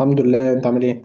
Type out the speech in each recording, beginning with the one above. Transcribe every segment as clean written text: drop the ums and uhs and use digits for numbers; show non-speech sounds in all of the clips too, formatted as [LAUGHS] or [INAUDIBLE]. الحمد لله. انت عامل ايه؟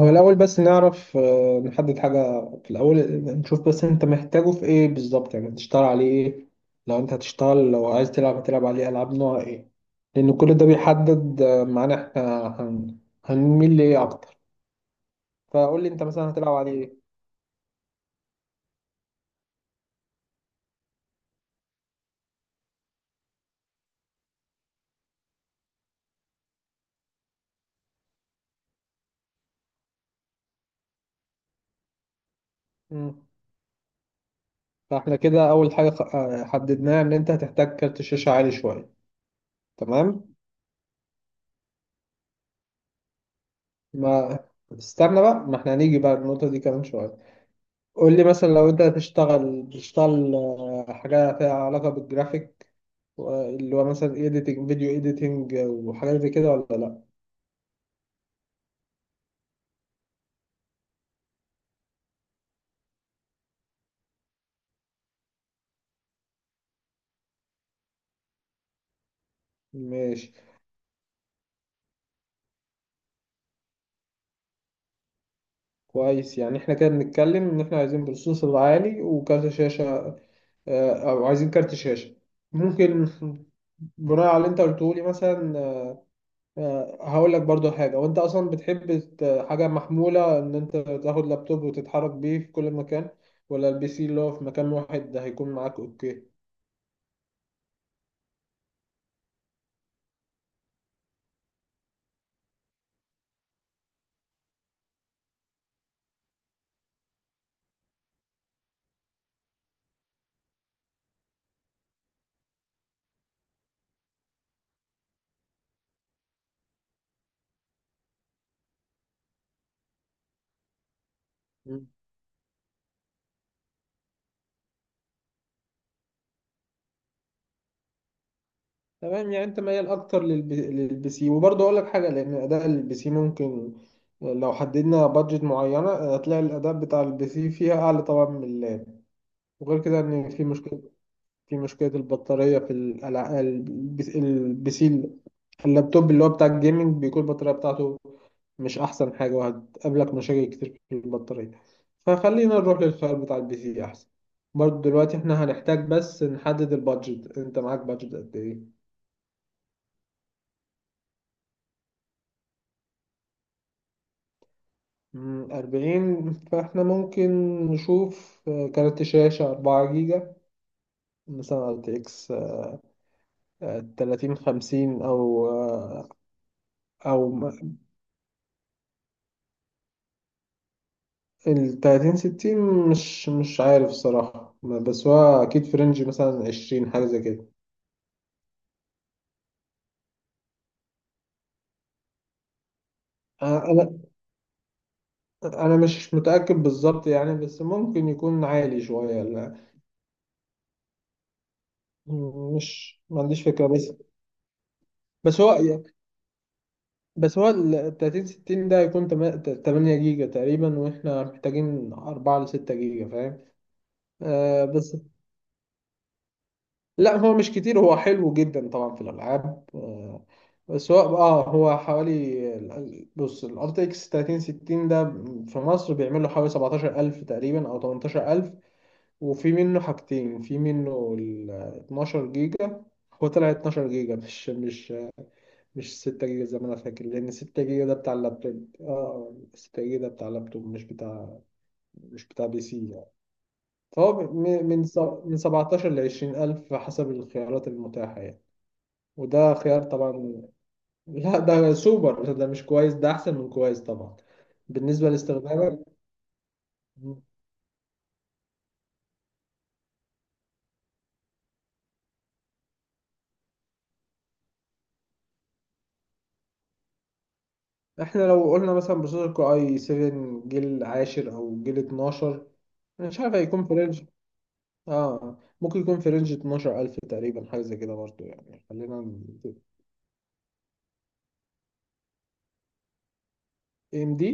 هو الاول بس نعرف، نحدد حاجه في الاول. نشوف بس انت محتاجه في ايه بالظبط، يعني تشتغل عليه ايه؟ لو انت هتشتغل، لو عايز تلعب هتلعب عليه العاب نوع ايه؟ لان كل ده بيحدد معانا احنا هنميل لايه اكتر. فقول لي انت مثلا هتلعب عليه ايه؟ مم. فاحنا كده اول حاجه حددناها ان انت هتحتاج كارت شاشه عالي شويه. تمام. ما استنى بقى، ما احنا هنيجي بقى النقطه دي كمان شويه. قول لي مثلا، لو انت هتشتغل، بتشتغل حاجة فيها علاقة بالجرافيك، اللي هو مثلا ايديتنج، فيديو ايديتنج وحاجات زي كده ولا لا؟ ماشي. كويس، يعني احنا كده بنتكلم ان احنا عايزين بروسيسور عالي وكارت شاشة، او عايزين كارت شاشة ممكن. بناء على اللي انت قلته لي مثلا هقول لك برضو حاجة: وانت اصلا بتحب حاجة محمولة، ان انت تاخد لابتوب وتتحرك بيه في كل مكان، ولا البي سي اللي هو في مكان واحد ده هيكون معاك؟ اوكي، تمام. يعني انت ميال اكتر للبي سي. وبرضه اقول لك حاجه، لان اداء البي سي ممكن، لو حددنا بادجت معينه هتلاقي الاداء بتاع البي سي فيها اعلى طبعا من اللاب. وغير كده ان في مشكله، في مشكله البطاريه في البي سي. اللابتوب اللي هو بتاع الجيمنج بيكون البطاريه بتاعته مش احسن حاجه، وهتقابلك مشاكل كتير في البطاريه. فخلينا نروح للخيار بتاع البي سي احسن. برضه دلوقتي احنا هنحتاج بس نحدد البادجت. انت معاك بادجت قد ايه؟ مم، أربعين. فإحنا ممكن نشوف كارت شاشة أربعة جيجا، مثلا ار تي اكس تلاتين خمسين، أو التلاتين ستين. مش عارف الصراحة، بس هو أكيد في رينج مثلا عشرين، حاجة زي كده. آه، أنا أنا مش متأكد بالظبط يعني، بس ممكن يكون عالي شوية. لا. مم، مش ما عنديش فكرة بس. بس هو بس هو ال 30 60 ده هيكون 8 جيجا تقريبا، واحنا محتاجين 4 ل 6 جيجا فاهم؟ آه بس لا، هو مش كتير، هو حلو جدا طبعا في الالعاب. آه بس هو اه هو حوالي بص، الار تي اكس 30 60 ده في مصر بيعمل له حوالي 17,000 تقريبا او 18,000. وفي منه حاجتين، في منه ال 12 جيجا. هو طلع 12 جيجا، مش 6 جيجا زي ما انا فاكر، لان 6 جيجا ده بتاع اللابتوب اه. 6 جيجا ده بتاع اللابتوب، مش بتاع، مش بتاع بي سي يعني. فهو من 17 ل 20 الف حسب الخيارات المتاحة يعني. وده خيار طبعا. لا، ده سوبر، ده مش كويس، ده احسن من كويس طبعا. بالنسبة لاستخدامك، احنا لو قلنا مثلا بروسيسور كو اي 7 جيل عاشر او جيل 12. مش عارف هيكون في رينج، اه ممكن يكون في رينج 12,000 تقريبا، حاجة زي كده برضه يعني خلينا. اي ام دي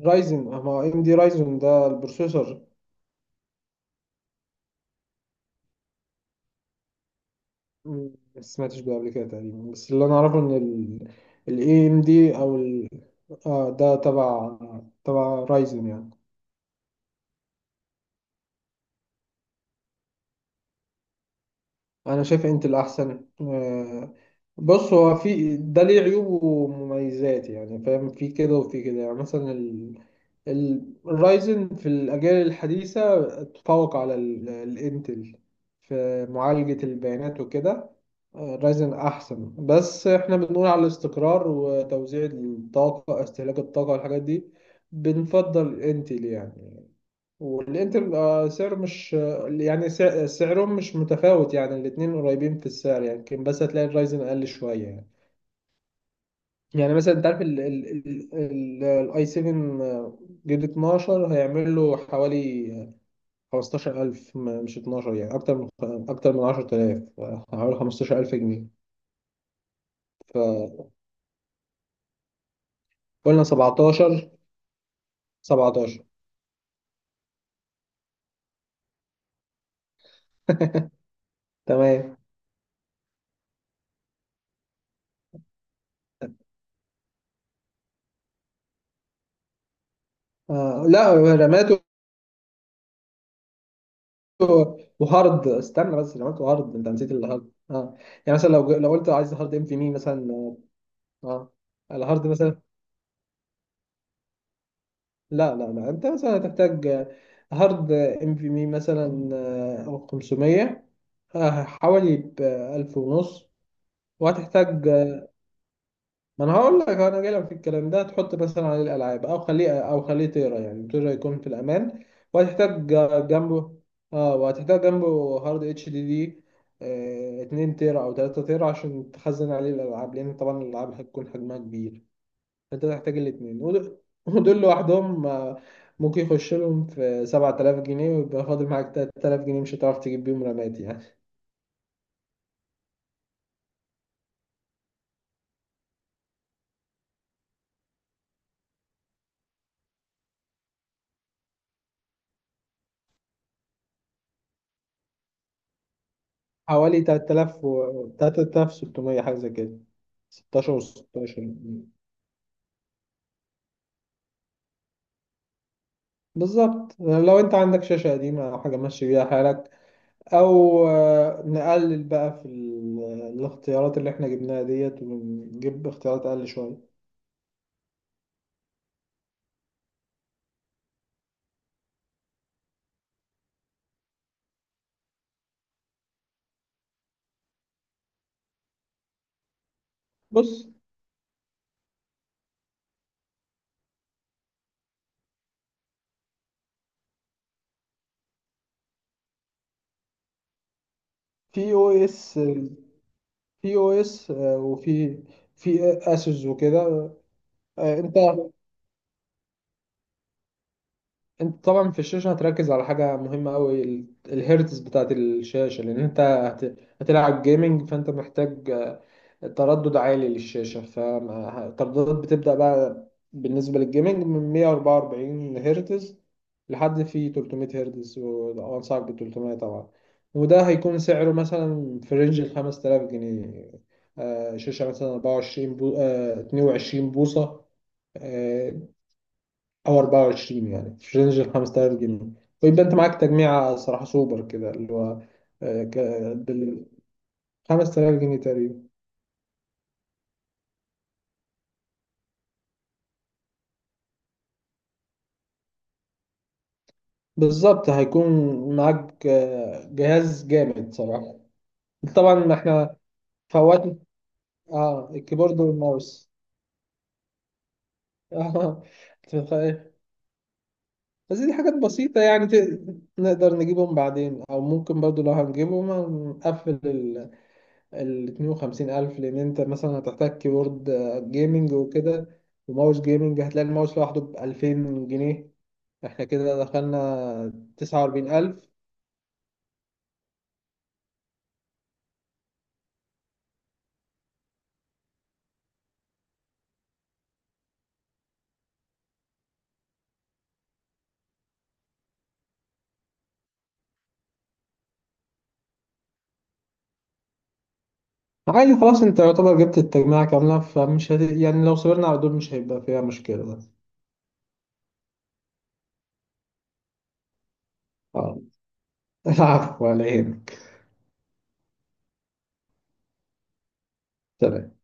رايزن، ما اي ام دي رايزن ده البروسيسور. مم، ما سمعتش بيه قبل كده تقريبا، بس اللي انا اعرفه ان ال AMD او ال، ده تبع، تبع رايزن يعني. انا شايف انت الاحسن. بص، هو في ده ليه عيوب ومميزات يعني فاهم، في كده وفي كده. يعني مثلا الرايزن في الاجيال الحديثه تفوق على الانتل في معالجه البيانات وكده. رايزن احسن، بس احنا بنقول على الاستقرار وتوزيع الطاقه، استهلاك الطاقه والحاجات دي، بنفضل انتل يعني. والانتر سعر، مش يعني سعرهم مش متفاوت يعني، الاتنين قريبين في السعر يعني يمكن، بس هتلاقي الرايزن اقل شويه يعني. يعني مثلا انت عارف الاي 7 جيل 12 هيعمل له حوالي 15,000، مش 12 يعني، اكتر من، اكتر من 10,000، حوالي 15,000 جنيه. فقلنا 17. 17. [LAUGHS] تمام. آه، لا، رماته وهارد. استنى بس، لو قلت هارد، انت نسيت الهارد اه. يعني مثلا لو قلت عايز هارد ام في مي مثلا، اه الهارد مثلا. لا، لا، لا، انت مثلا هتحتاج هارد ام في مي مثلا 500، حوالي ب 1000 ونص. وهتحتاج، ما انا هقول لك، انا جاي لك في الكلام ده. تحط مثلا عليه الالعاب، او خليه، او خليه تقرا، يعني تقرا يكون في الامان. وهتحتاج جنبه اه، وهتحتاج جنبه هارد اتش دي دي 2 تيرا او 3 تيرا عشان تخزن عليه الالعاب، لان طبعا الالعاب هتكون حجمها كبير. فانت هتحتاج الاثنين. ودول، ودول لوحدهم ممكن يخش لهم في 7,000 جنيه، ويبقى فاضل معاك 3,000 جنيه مش هتعرف تجيب بيهم رامات يعني. حوالي 3,000 و 3,600، حاجه زي كده، 16 و 16. بالظبط، لو انت عندك شاشة قديمة او حاجة ماشي بيها حالك، او نقلل بقى في الاختيارات اللي احنا جبناها ديت، ونجيب اختيارات اقل شوية. بص، في او اس، وفي، في اسوس وكده. آه، انت انت طبعا في الشاشة هتركز على حاجة مهمة قوي: الهيرتز بتاعت الشاشة، لان انت هتلعب جيمنج فانت محتاج تردد عالي للشاشة. فالترددات بتبدأ بقى بالنسبة للجيمنج من 144 هرتز لحد في 300 هرتز، وأنصحك بال 300 طبعا. وده هيكون سعره مثلا في رينج ال 5,000 جنيه. شاشة مثلا 24 بو... آه، 22 بوصة، آه، أو 24 يعني في رينج ال 5,000 جنيه. ويبقى أنت معاك تجميعة صراحة سوبر كده، اللي هو بال 5,000 جنيه تقريبا. بالظبط، هيكون معاك جهاز جامد صراحة. طبعا احنا فوتنا اه الكيبورد والماوس. [LAUGHS] اه، تخيل. بس دي حاجات بسيطة، يعني نقدر نجيبهم بعدين، أو ممكن برضو لو هنجيبهم نقفل ال، اتنين وخمسين ألف، لأن أنت مثلا هتحتاج كيبورد جيمنج وكده، وماوس جيمنج. هتلاقي الماوس لوحده بألفين جنيه. احنا كده دخلنا تسعة وأربعين ألف. عادي خلاص، انت يعتبر جبت التجميعة كاملة، يعني لو صبرنا على دول مش هيبقى فيها مشكلة. اه. [LAUGHS] العفو عليك. تمام.